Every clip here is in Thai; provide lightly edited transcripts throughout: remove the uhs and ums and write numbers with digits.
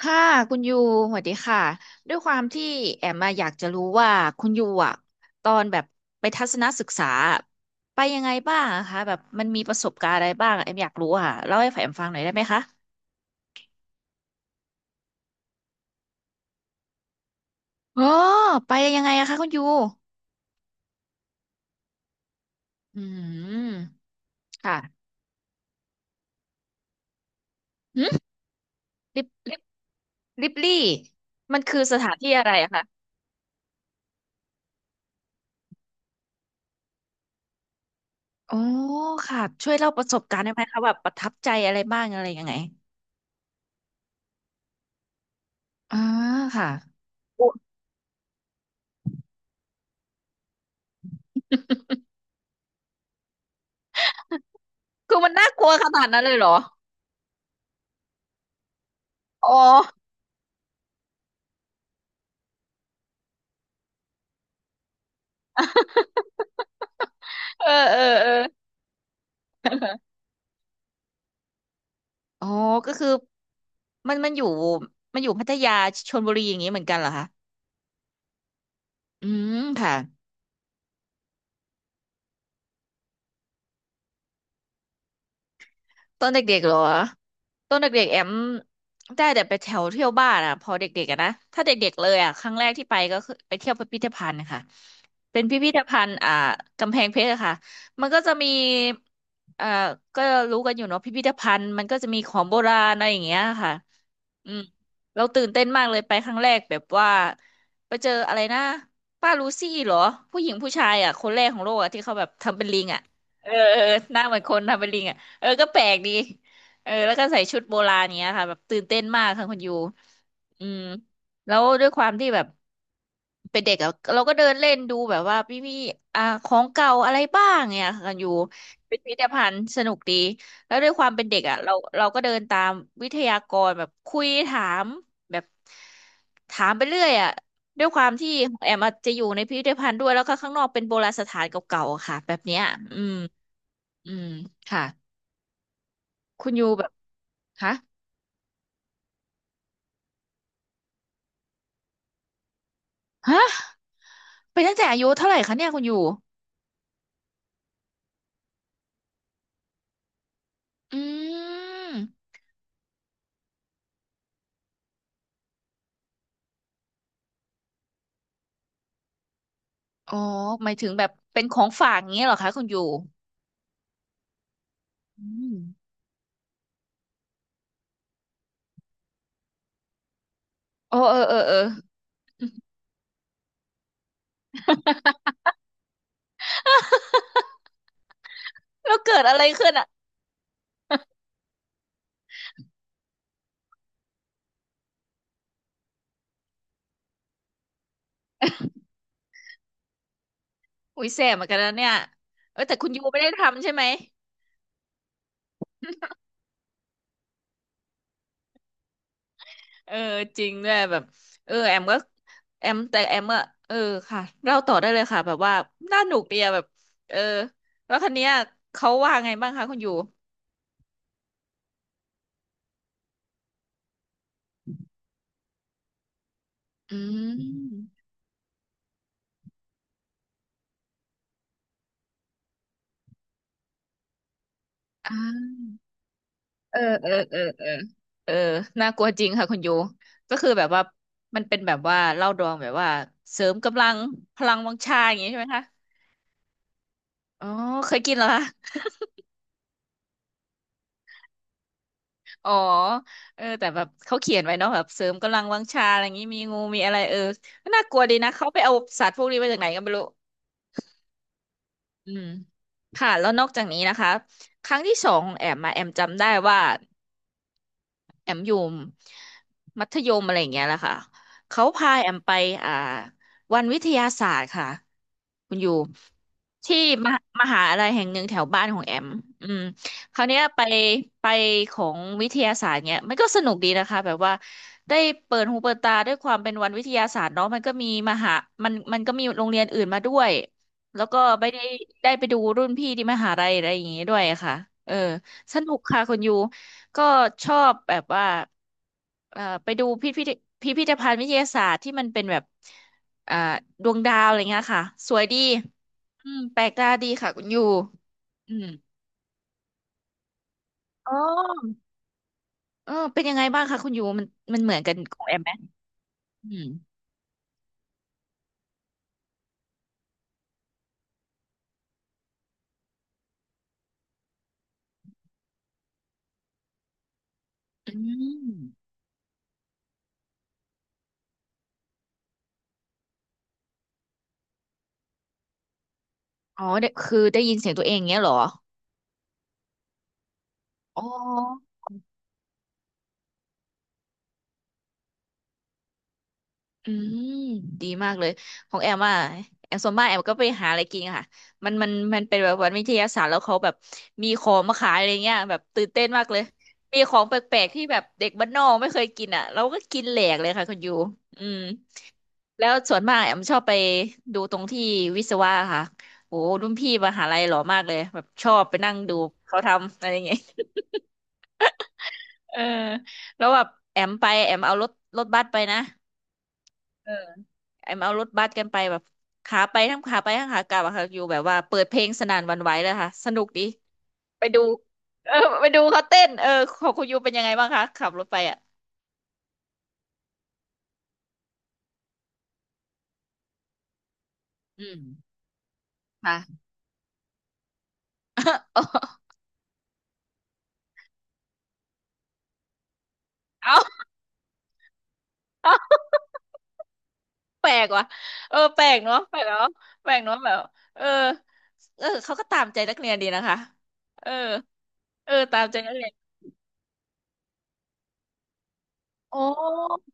ค่ะคุณยูสวัสดีค่ะด้วยความที่แอมมาอยากจะรู้ว่าคุณยูตอนแบบไปทัศนศึกษาไปยังไงบ้างอะคะแบบมันมีประสบการณ์อะไรบ้างแอมอยากรู้อ่ะเล่าให้แอมฟังหน่อยได้ไหมคะอ๋อไปยังไงอะคะคุณยูอืมค่ะหึลิบลิบลิบลี่มันคือสถานที่อะไรอะคะอ๋อค่ะช่วยเล่าประสบการณ์ได้ไหมคะแบบประทับใจอะไรบ้างอะไรยังไงอ่าค่ะอุ๊ยคือมันน่ากลัวขนาดนั้นเลยเหรอ อ๋อ เออเออเอออ๋อก็คือมันอยู่มันอยู่พัทยาชลบุรีอย่างนี้เหมือนกันเหรอคะอืมค่ะตอนเด็กๆเหรอตอนเด็กๆแอมได้แต่ไปแถวเที่ยวบ้านอ่ะพอเด็กๆอะนะถ้าเด็กๆเลยอ่ะครั้งแรกที่ไปก็คือไปเที่ยวพิพิธภัณฑ์ค่ะเป็นพิพิธภัณฑ์อ่ากำแพงเพชรอะค่ะมันก็จะมีเอ่อก็รู้กันอยู่เนาะพิพิธภัณฑ์มันก็จะมีของโบราณอะไรอย่างเงี้ยค่ะ อืมเราตื่นเต้นมากเลยไปครั้งแรกแบบว่าไปเจออะไรนะป้าลูซี่เหรอผู้หญิงผู้ชายอ่ะคนแรกของโลกอ่ะที่เขาแบบทำเป็นลิงอ่ะเออเออหน้าเหมือนคนทำเป็นลิงอ่ะเออก็แปลกดีเออแล้วก็ใส่ชุดโบราณเนี้ยค่ะแบบตื่นเต้นมากค่ะคุณยูอืมแล้วด้วยความที่แบบเป็นเด็กอะเราก็เดินเล่นดูแบบว่าพี่อ่าของเก่าอะไรบ้างเนี่ยค่ะกันอยู่เป็นพิพิธภัณฑ์สนุกดี แล้วด้วยความเป็นเด็กอ่ะเราก็เดินตามวิทยากรแบบคุยถามแบบถามไปเรื่อยอ่ะด้วยความที่ของแอมอาจจะอยู่ในพิพิธภัณฑ์ด้วยแล้วก็ข้างนอกเป็นโบราณสถานเก่าๆอะค่ะแบบเนี้ยอืมอืมค่ะคุณยูแบบคะฮะไปตั้งแต่อายุเท่าไหร่คะเนี่ยคุณยูอืมอ๋อหมายถึงแบบเป็นของฝากอย่างเงี้ยเหรอคะคุณยูอืมโอ้เออเออเออ แล้วเกิดอะไรขึ้นอ่ะ อุ้ยแสบเหมือนกันนะเนี่ยเออแต่คุณยูไม่ได้ทำใช่ไหมเออจริงด้วยแบบเออแอมก็แอมแต่แอมเออค่ะเล่าต่อได้เลยค่ะแบบว่าน่าหนุกดีอะแบบเออแล้วคันเนี้ยเขาว่าไงบ้างคะคุณยูอืมอ่าเออเออเออเออเออน่ากลัวจริงค่ะคุณยูก็คือแบบว่ามันเป็นแบบว่าเหล้าดองแบบว่าเสริมกำลังพลังวังชาอย่างงี้ใช่ไหมคะอ๋อเคยกินเหรอคะ อ๋อเออแต่แบบเขาเขียนไว้เนาะแบบเสริมกำลังวังชาอะไรอย่างนี้มีงูมีอะไรเออก็น่ากลัวดีนะเขาไปเอาสัตว์พวกนี้มาจากไหนก็ไม่รู้อืมค่ะแล้วนอกจากนี้นะคะครั้งที่สองของแอมมาแอมจำได้ว่า แอมอยู่มัธยมอะไรอย่างเงี้ยแหละค่ะเขาพาแอมไปอ่าวันวิทยาศาสตร์ค่ะคุณอยู่ที่มหาอะไรแห่งหนึ่งแถวบ้านของแอมอืมคราวเนี้ยไปไปของวิทยาศาสตร์เนี้ยมันก็สนุกดีนะคะแบบว่าได้เปิดหูเปิดตาด้วยความเป็นวันวิทยาศาสตร์เนาะมันก็มีมหามันก็มีโรงเรียนอื่นมาด้วยแล้วก็ไม่ได้ได้ไปดูรุ่นพี่ที่มหาลัยอะไรอย่างงี้ด้วยอะค่ะเออสนุกค่ะคุณยู ก็ชอบแบบว่าไปดูพิพิธภัณฑ์วิทยาศาสตร์ที่มันเป็นแบบเอ่อดวงดาวอะไรเงี้ยค่ะสวยดีอืมแปลกตาดีค่ะคุณยูอืมอ๋อเออเป็นยังไงบ้างคะคุณยูมันมันเหมือนกันของแอมไหมอืมอืมอ๋อเดี่คือได้ยินเสียงตัวเองเงี้ยเหรออ๋อ อืมดีมากเลยของแอมอ่ะแอมส่วนมากแอมก็ไปหาอะไรกินค่ะมันเป็นแบบวันวิทยาศาสตร์แล้วเขาแบบมีของมาขายอะไรเงี้ยแบบตื่นเต้นมากเลยมีของแปลกๆที่แบบเด็กบ้านนอกไม่เคยกินอ่ะเราก็กินแหลกเลยค่ะคุณยูอืมแล้วส่วนมากแอมชอบไปดูตรงที่วิศวะค่ะโอ้รุ่นพี่มหาลัยหล่อมากเลยแบบชอบไปนั่งดูเขาทำอะไรเงี้ยเออแล้วแบบแอมไปแอมเอารถรถบัสไปนะ เออไอ้มาเอารถบัสกันไปแบบขาไปทั้งขาไปทั้งขากลับอะค่ะอยู่แบบว่าเปิดเพลงสนั่นหวั่นไหวเลยค่ะสนุกดีไปดูเออไปดูเขาเต้นเออของคุณยูเป็นยังไงบ้างคะขับรถไปอ่ะอืมค่ะ เอ้าเอาแปลกว่ะเออแปลกเนาะแปลกเนาะแบบเออ เออเขาก็ตามใจนักเรียนดีนะคะ เออ เออตามใจนักเรียนโอ้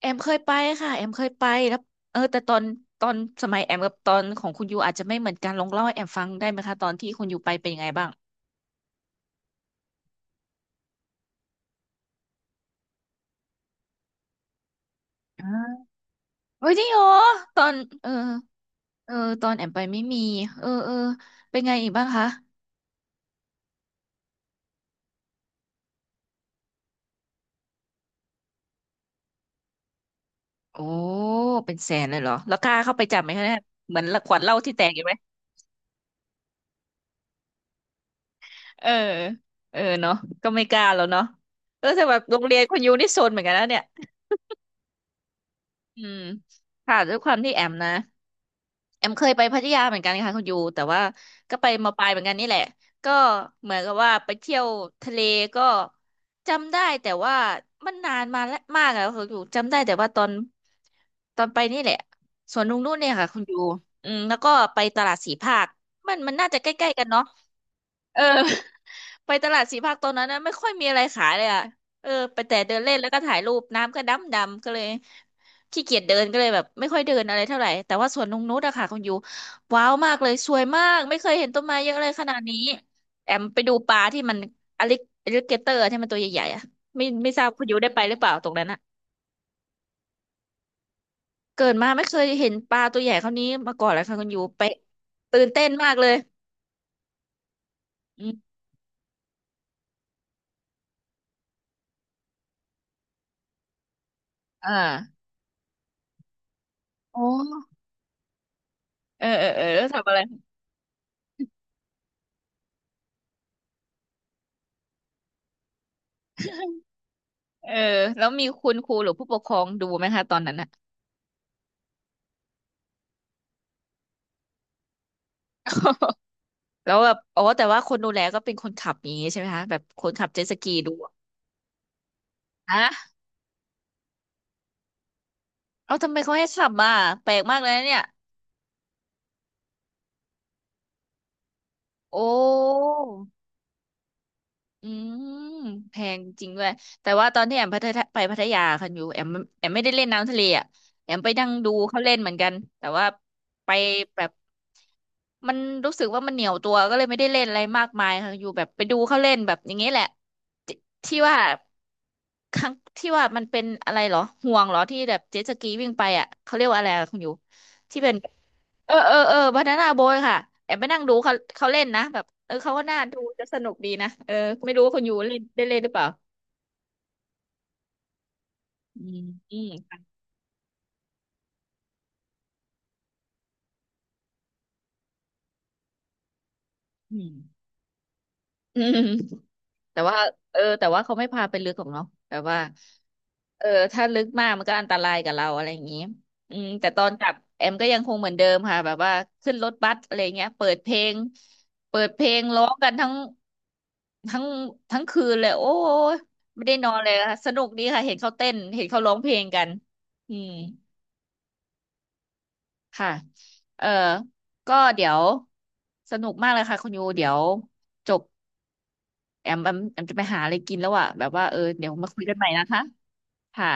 แอมเคยไปค่ะแอมเคยไปแล้วเออแต่ตอนสมัยแอมกับตอนของคุณยูอาจจะไม่เหมือนกันลองเล่าให้แอมฟังได้ไหมคะตอนที่คุณยูไปเป็นยังไงบ้างอ่าเฮ้ยจริงเหรอตอนเออเออตอนแอมไปไม่มีเออเออเป็นไงอีกบ้างคะโอ้เป็นแสนเลยเหรอแล้วกล้าเข้าไปจับไหมคะเนี่ยเหมือนขวดเหล้าที่แตกอยู่ไหมเออเออเนาะก็ไม่กล้าแล้วเนาะเออแต่แบบโรงเรียนคุณยูนี่โซนเหมือนกันนะเนี่ยอืมค่ะด้วยความที่แอมนะ แอมเคยไปพัทยาเหมือนกันค่ะคุณยูแต่ว่าก็ไปมาปลายเหมือนกันนี่แหละก็เหมือนกับว่าไปเที่ยวทะเลก็จำได้แต่ว่ามันนานมาแล้วมากแล้วคุณยูจำได้แต่ว่าตอนไปนี่แหละสวนลุงนู่นเนี่ยค่ะคุณยูอืมแล้วก็ไปตลาดสีภาคมันน่าจะใกล้ๆกันเนาะ เออ ไปตลาดสีภาคตอนนั้นนะไม่ค่อยมีอะไรขายเลยอ่ะเออไปแต่เดินเล่นแล้วก็ถ่ายรูปน้ำก็ดำดำก็เลยขี้เกียจเดินก็เลยแบบไม่ค่อยเดินอะไรเท่าไหร่แต่ว่าสวนนงนุชอะค่ะคุณยูว้าวมากเลยสวยมากไม่เคยเห็นต้นไม้เยอะเลยขนาดนี้แอมไปดูปลาที่มันอลิอลิเกเตอร์ที่มันตัวใหญ่ๆอะไม่ทราบคุณยูได้ไปหรือเปล่าตรงนั้นอะเกิดมาไม่เคยเห็นปลาตัวใหญ่เท่านี้มาก่อนเลยค่ะคุณยูไปตื่นเต้นมากเลยอืมอ่าโอ้เออเออเออแล้วทำอะไร เออแล้วมีคุณครูหรือผู้ปกครองดูไหมคะตอนนั้นอะ แล้วแบบอ๋อแต่ว่าคนดูแลก็เป็นคนขับอย่างงี้ใช่ไหมคะแบบคนขับเจ็ตสกีดูอะฮะเอาทำไมเขาให้ขับมาแปลกมากเลยนะเนี่ยโอ้อืมแพงจริงด้วยแต่ว่าตอนที่แอมพัทยาไปพัทยาคันอยู่แอมแอมไม่ได้เล่นน้ำทะเลอะแอมไปนั่งดูเขาเล่นเหมือนกันแต่ว่าไปแบบมันรู้สึกว่ามันเหนียวตัวก็เลยไม่ได้เล่นอะไรมากมายค่ะอยู่แบบไปดูเขาเล่นแบบอย่างนี้แหละที่ที่ว่า ครั้งที่ว่ามันเป็นอะไรเหรอห่วงเหรอที่แบบเจ็ตสกีวิ่งไปอ่ะเขาเรียกว่าอะไรอะคุณอยู่ที่เป็นเออเออเออบานาน่าโบยค่ะแอบไปนั่งดูเขาเขาเล่นนะแบบเออเขาก็น่าดูจะสนุกดีนะเออไม่รู้ว่าคุณอยู่เล่นได้เล่นหรือเปล่าอืมอืมอืมอืม แต่ว่าเออแต่ว่าเขาไม่พาไปลึกหรอกเนาะแบบว่าเออถ้าลึกมากมันก็อันตรายกับเราอะไรอย่างนี้อืมแต่ตอนกลับแอมก็ยังคงเหมือนเดิมค่ะแบบว่าขึ้นรถบัสอะไรเงี้ยเปิดเพลงเปิดเพลงร้องกันทั้งทั้งคืนเลยโอ้ยไม่ได้นอนเลยค่ะสนุกดีค่ะเห็นเขาเต้นเห็นเขาร้องเพลงกันอืมค่ะเออก็เดี๋ยวสนุกมากเลยค่ะคุณยูเดี๋ยวจบ แอมจะไปหาอะไรกินแล้วอ่ะแบบว่าเออเดี๋ยวมาคุยกันใหม่นะคะค่ะ